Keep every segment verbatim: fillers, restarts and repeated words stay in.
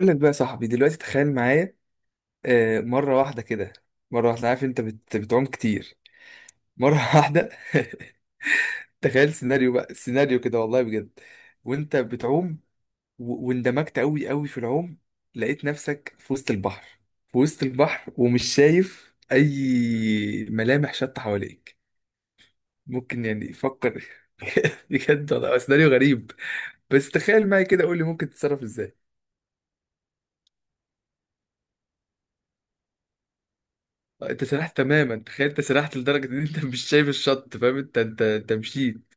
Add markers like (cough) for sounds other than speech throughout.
اقول لك بقى يا صاحبي دلوقتي تخيل معايا. آه، مرة واحدة كده، مرة واحدة، عارف انت بت... بتعوم كتير مرة (laughs) واحدة. تخيل سيناريو بقى سيناريو كده والله بجد، وانت بتعوم و... واندمجت قوي قوي في العوم، لقيت نفسك في وسط البحر، في وسط البحر ومش شايف اي ملامح شط حواليك. ممكن يعني فكر. (laughs) بجد والله هو سيناريو غريب، بس تخيل معايا كده قول لي ممكن تتصرف ازاي. انت سرحت تماما، تخيل انت سرحت لدرجه ان انت مش شايف الشط فاهم؟ انت انت انت مشيت.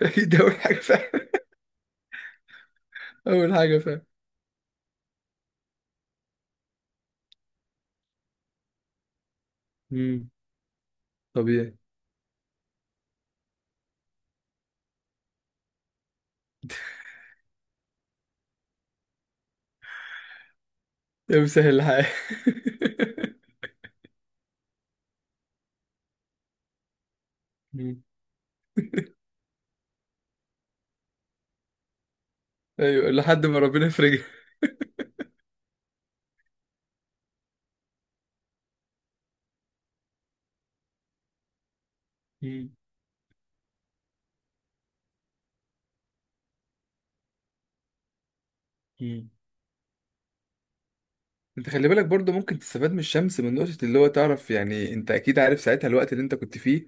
(laughs) ده اول حاجه فاهم، اول حاجه فاهم. امم طبيعي. يا مسهل الحال. (laughs) مم. ايوه، لحد ما ربنا يفرجها. مم. مم. انت خلي بالك برضو، ممكن تستفاد من الشمس، من نقطة اللي هو تعرف، يعني انت اكيد عارف ساعتها الوقت اللي انت كنت فيه،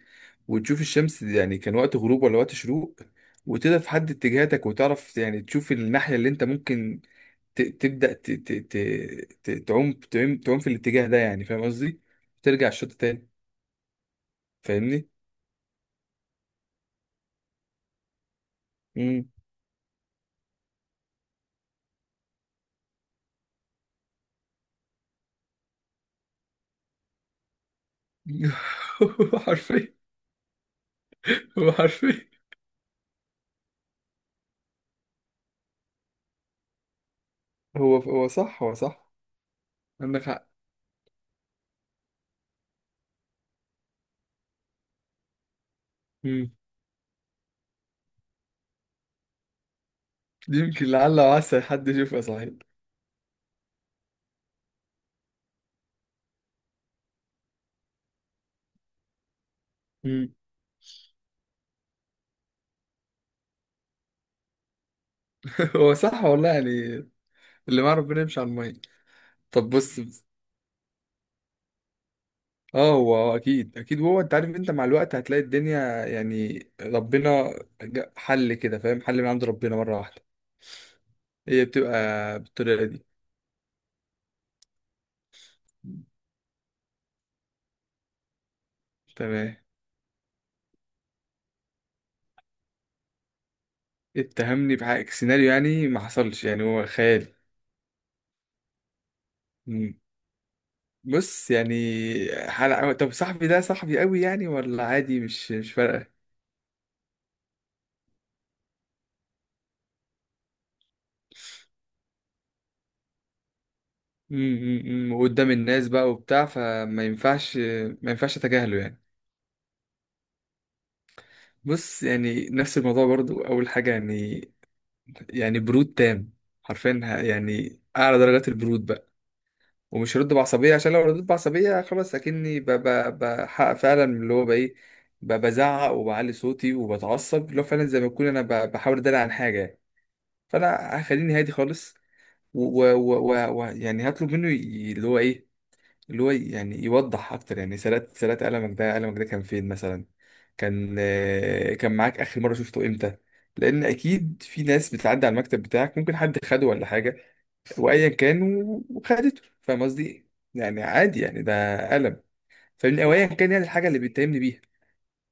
وتشوف الشمس دي يعني كان وقت غروب ولا وقت شروق، وتقدر تحدد اتجاهاتك وتعرف، يعني تشوف الناحية اللي انت ممكن ت- تبدأ ت- ت- ت- ت- تعوم تعوم تعوم في الاتجاه ده، يعني فاهم قصدي؟ ترجع الشط تاني. فاهمني؟ امم. (laughs) هو حرفيا، هو حرفيا. هو هو صح، هو صح. عندك حق. امم. يمكن لعل وعسى حد يشوفها صحيح. امم. (laughs) هو صح والله يعني، اللي مع ربنا يمشي على الميه. طب بص بص. اه، هو هو اكيد اكيد، هو انت عارف، انت مع الوقت هتلاقي الدنيا يعني ربنا جا- حل كده، فاهم؟ حل من عند ربنا مره واحده، هي بتبقى بالطريقه دي. تمام. اتهمني بحق سيناريو يعني ما حصلش، يعني هو خيالي. مم. بص يعني حلقة، طب صاحبي ده صاحبي قوي يعني ولا عادي؟ مش مش فارقة. مم، مم، مم. وقدام الناس بقى وبتاع، فما ينفعش، ما ينفعش اتجاهله يعني. بص يعني نفس الموضوع برضو، اول حاجة يعني يعني برود تام. حرفيا، ه- يعني اعلى درجات البرود بقى. ومش هرد بعصبية، عشان لو رديت بعصبية خلاص أكني ب- ب- بحقق فعلا اللي هو بإيه، ب- بزعق وبعلي صوتي وبتعصب، اللي هو فعلا زي ما أكون أنا ب- بحاول أدلع عن حاجة يعني. فأنا هخليني هادي خالص، ويعني هطلب منه ي- اللي هو إيه، اللي هو يعني يوضح أكتر، يعني سرقت سرقت قلمك ده، قلمك ده كان فين مثلا، كان آه، كان معاك آخر مرة شفته إمتى؟ لأن أكيد في ناس بتعدي على المكتب بتاعك، ممكن حد خده ولا حاجة وايا كان و- وخدته، فاهم قصدي ايه؟ يعني عادي يعني ده قلم، فاهمني؟ او ايا كان يعني الحاجه اللي بيتهمني بيها،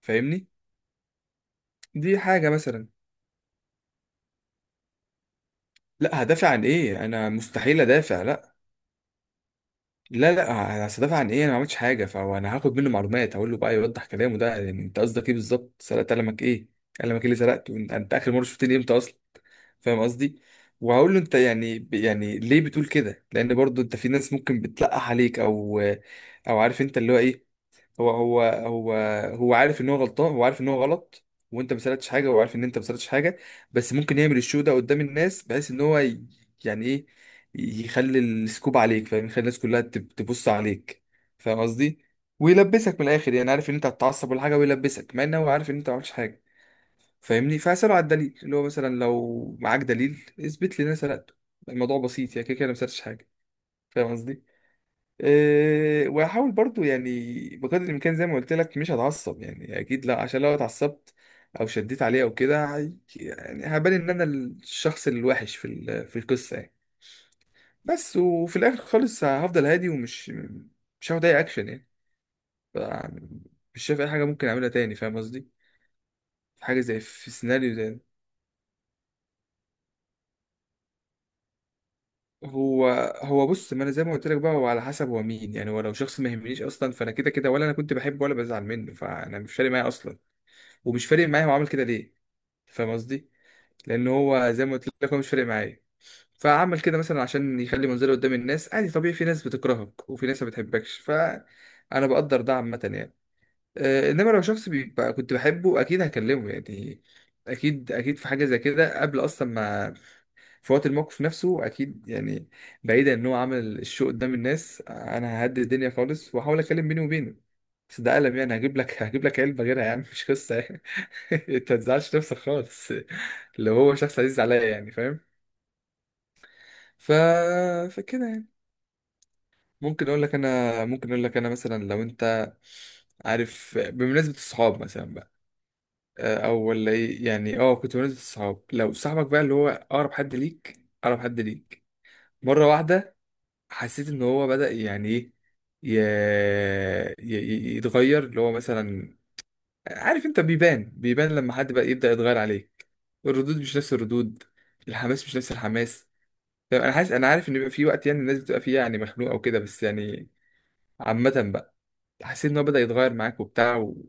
فاهمني؟ دي حاجه مثلا. لا، هدافع عن ايه؟ انا مستحيل ادافع، لا. لا لا، انا هدافع عن ايه؟ انا ما عملتش حاجه، فهو انا هاخد منه معلومات، هقول له بقى يوضح كلامه ده، يعني انت قصدك ايه بالظبط؟ سرقت قلمك ايه؟ قلمك ايه اللي سرقته انت؟ أنت اخر مره شفتني امتى اصلا؟ فاهم قصدي؟ وهقول له انت، يعني يعني ليه بتقول كده؟ لان برضو انت في ناس ممكن بتلقح عليك او او، عارف انت اللي هو ايه. هو هو هو هو عارف ان هو غلطان، هو عارف ان هو غلط، وانت ما سالتش حاجه، وهو عارف ان انت ما سالتش حاجه، بس ممكن يعمل الشو ده قدام الناس، بحيث ان هو ي- يعني ايه، يخلي السكوب عليك، فاهم، يخلي الناس كلها تب- تبص عليك، فاهم قصدي؟ ويلبسك من الاخر، يعني عارف ان انت هتتعصب ولا حاجه ويلبسك، مع ان هو عارف ان انت ما عملتش حاجه، فاهمني؟ فاساله على الدليل، اللي هو مثلا لو معاك دليل اثبت لي ان انا سرقته. الموضوع بسيط، يعني كده كده أنا ما سرقتش حاجه، فاهم قصدي؟ إيه، واحاول برضو يعني بقدر الامكان، زي ما قلت لك، مش هتعصب يعني اكيد لا، عشان لو اتعصبت او شديت عليه او كده هي- يعني هبان ان انا الشخص الوحش في ال- في القصه يعني. بس وفي الاخر خالص هفضل هادي، ومش مش هاخد اي اكشن يعني. ف- مش شايف اي حاجه ممكن اعملها تاني، فاهم قصدي؟ في حاجه زي، في سيناريو زي ده. هو هو بص، ما انا زي ما قلت لك بقى، هو على حسب هو مين، يعني هو لو شخص ما يهمنيش اصلا، فانا كده كده، ولا انا كنت بحبه ولا بزعل منه، فانا مش فارق معايا اصلا، ومش فارق معايا هو عمل كده ليه، فاهم قصدي؟ لان هو زي ما قلت لك هو مش فارق معايا، فعمل كده مثلا عشان يخلي منظره قدام الناس، عادي طبيعي، في ناس بتكرهك وفي ناس ما بتحبكش، فانا بقدر ده عامه يعني. آه، انما لو شخص بيبقى كنت بحبه اكيد هكلمه يعني، اكيد اكيد في حاجه زي كده قبل اصلا ما، في وقت الموقف نفسه اكيد يعني، بعيدا ان هو عمل الشو قدام الناس، انا ههدي الدنيا خالص واحاول اتكلم بيني وبينه. بس ده قلم يعني، هجيب لك (laughs) هجيب لك علبه غيرها يا عم، مش قصه يعني. (laughs) انت ما تزعلش نفسك خالص لو هو شخص عزيز عليا يعني، فاهم؟ ف فكده يعني، ممكن اقول لك انا، ممكن اقول لك انا مثلا لو انت عارف، بمناسبه الصحاب مثلا بقى، آه، او ولا ايه يعني. اه، كنت بمناسبه الصحاب، لو صاحبك بقى اللي هو اقرب حد ليك، اقرب حد ليك مره واحده حسيت ان هو بدأ يعني ايه ي... ي... ي- يتغير، اللي هو مثلا عارف انت، بيبان بيبان لما حد بقى يبدأ يتغير عليك، الردود مش نفس الردود، الحماس مش نفس الحماس. طيب انا حاسس، انا عارف ان بيبقى في وقت يعني الناس بتبقى فيه يعني مخنوقه وكده بس يعني، عامة بقى. حسيت ان هو بدأ يتغير معاك وبتاع و...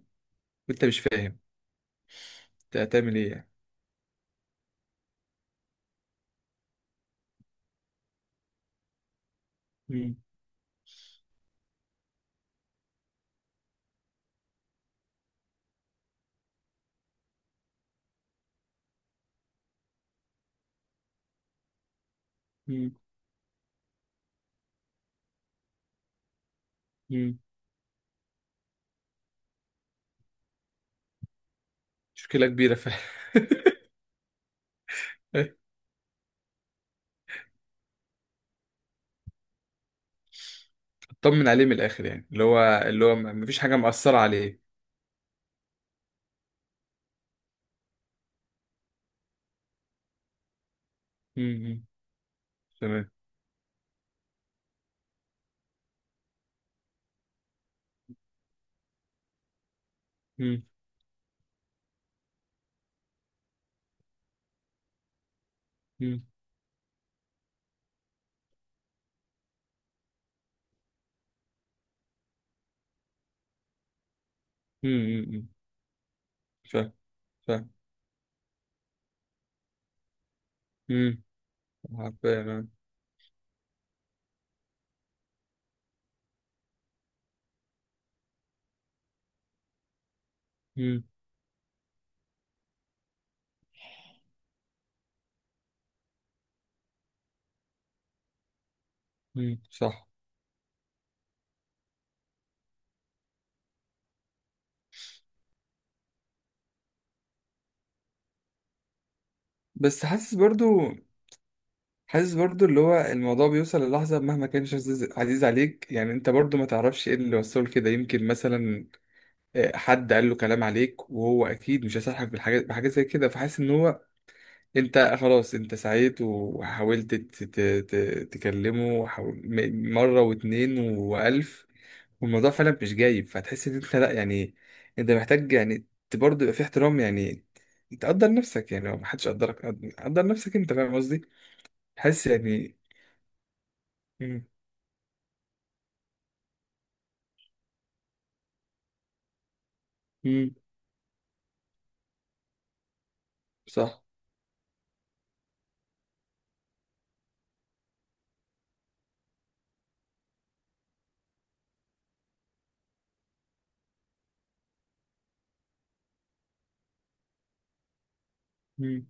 وانت مش فاهم، انت هتعمل ايه يعني؟ مم. مم. مم. مشكلة كبيرة فعلا. (laughs) طمن عليه من الآخر يعني، اللي هو اللي هو مفيش حاجة مأثرة عليه. مم. مم. تمام. مم. مم. مم. فاهم، فاهم. مم. عارفين أنا. مم. مم. صح. بس حاسس برضو، حاسس برضو اللي هو الموضوع بيوصل للحظة، مهما كانش عزيز عزيز عليك يعني، انت برضو ما تعرفش ايه اللي وصله كده، يمكن مثلا آه، حد قال له كلام عليك، وهو اكيد مش هيصالحك بالحاجات بحاجات زي كده، فحاسس ان هو، انت خلاص انت سعيت وحاولت ت- ت- ت- تكلمه، وحاول- م- مرة واتنين والف، والموضوع فعلا مش جايب، فتحس ان انت لا يعني، انت محتاج يعني ت- برضه يبقى في احترام يعني، تقدر نفسك، يعني لو محدش قدرك قد- قدر نفسك انت، فاهم قصدي؟ حاسس يعني. مم، مم. صح. مم،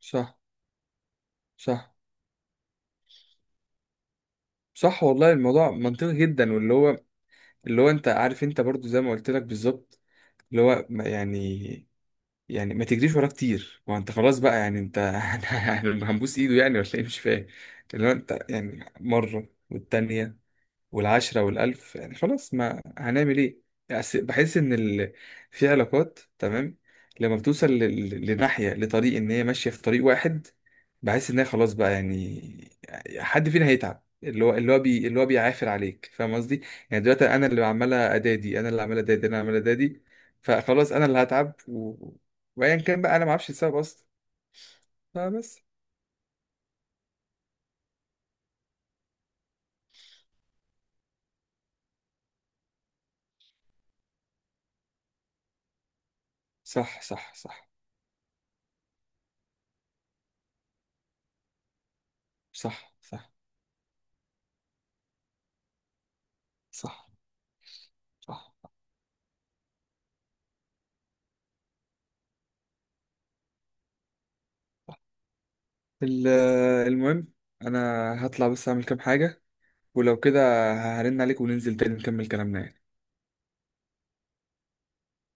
صح. صح. صح والله، الموضوع منطقي جدا، واللي هو اللي هو انت عارف، انت برضه زي ما قلت لك بالظبط، اللي هو ما- يعني، يعني ما تجريش وراه كتير، ما انت خلاص بقى يعني انت (laughs) هنبوس ايده يعني ولا ايه؟ مش فاهم. اللي هو انت يعني مرة والتانية والعشرة والألف يعني خلاص، ما هنعمل إيه؟ أس- بحس إن ال... في علاقات تمام لما بتوصل ل... ل- لناحية، لطريق، إن هي ماشية في طريق واحد، بحس إن هي خلاص بقى يعني، حد فينا هيتعب، اللي هو اللي هو بي... اللي هو بيعافر عليك، فاهم قصدي؟ يعني دلوقتي أنا اللي عمال أدادي، أنا اللي عمال أدادي، أنا عمال أدادي، فخلاص أنا اللي هتعب و... وأيا كان بقى، أنا ما أعرفش السبب أصلا. فبس. صح صح صح، صح صح صح، صح. ال- آه، المهم انا هطلع بس اعمل كام حاجة، ولو كده هرن عليك وننزل تاني نكمل كلامنا يعني.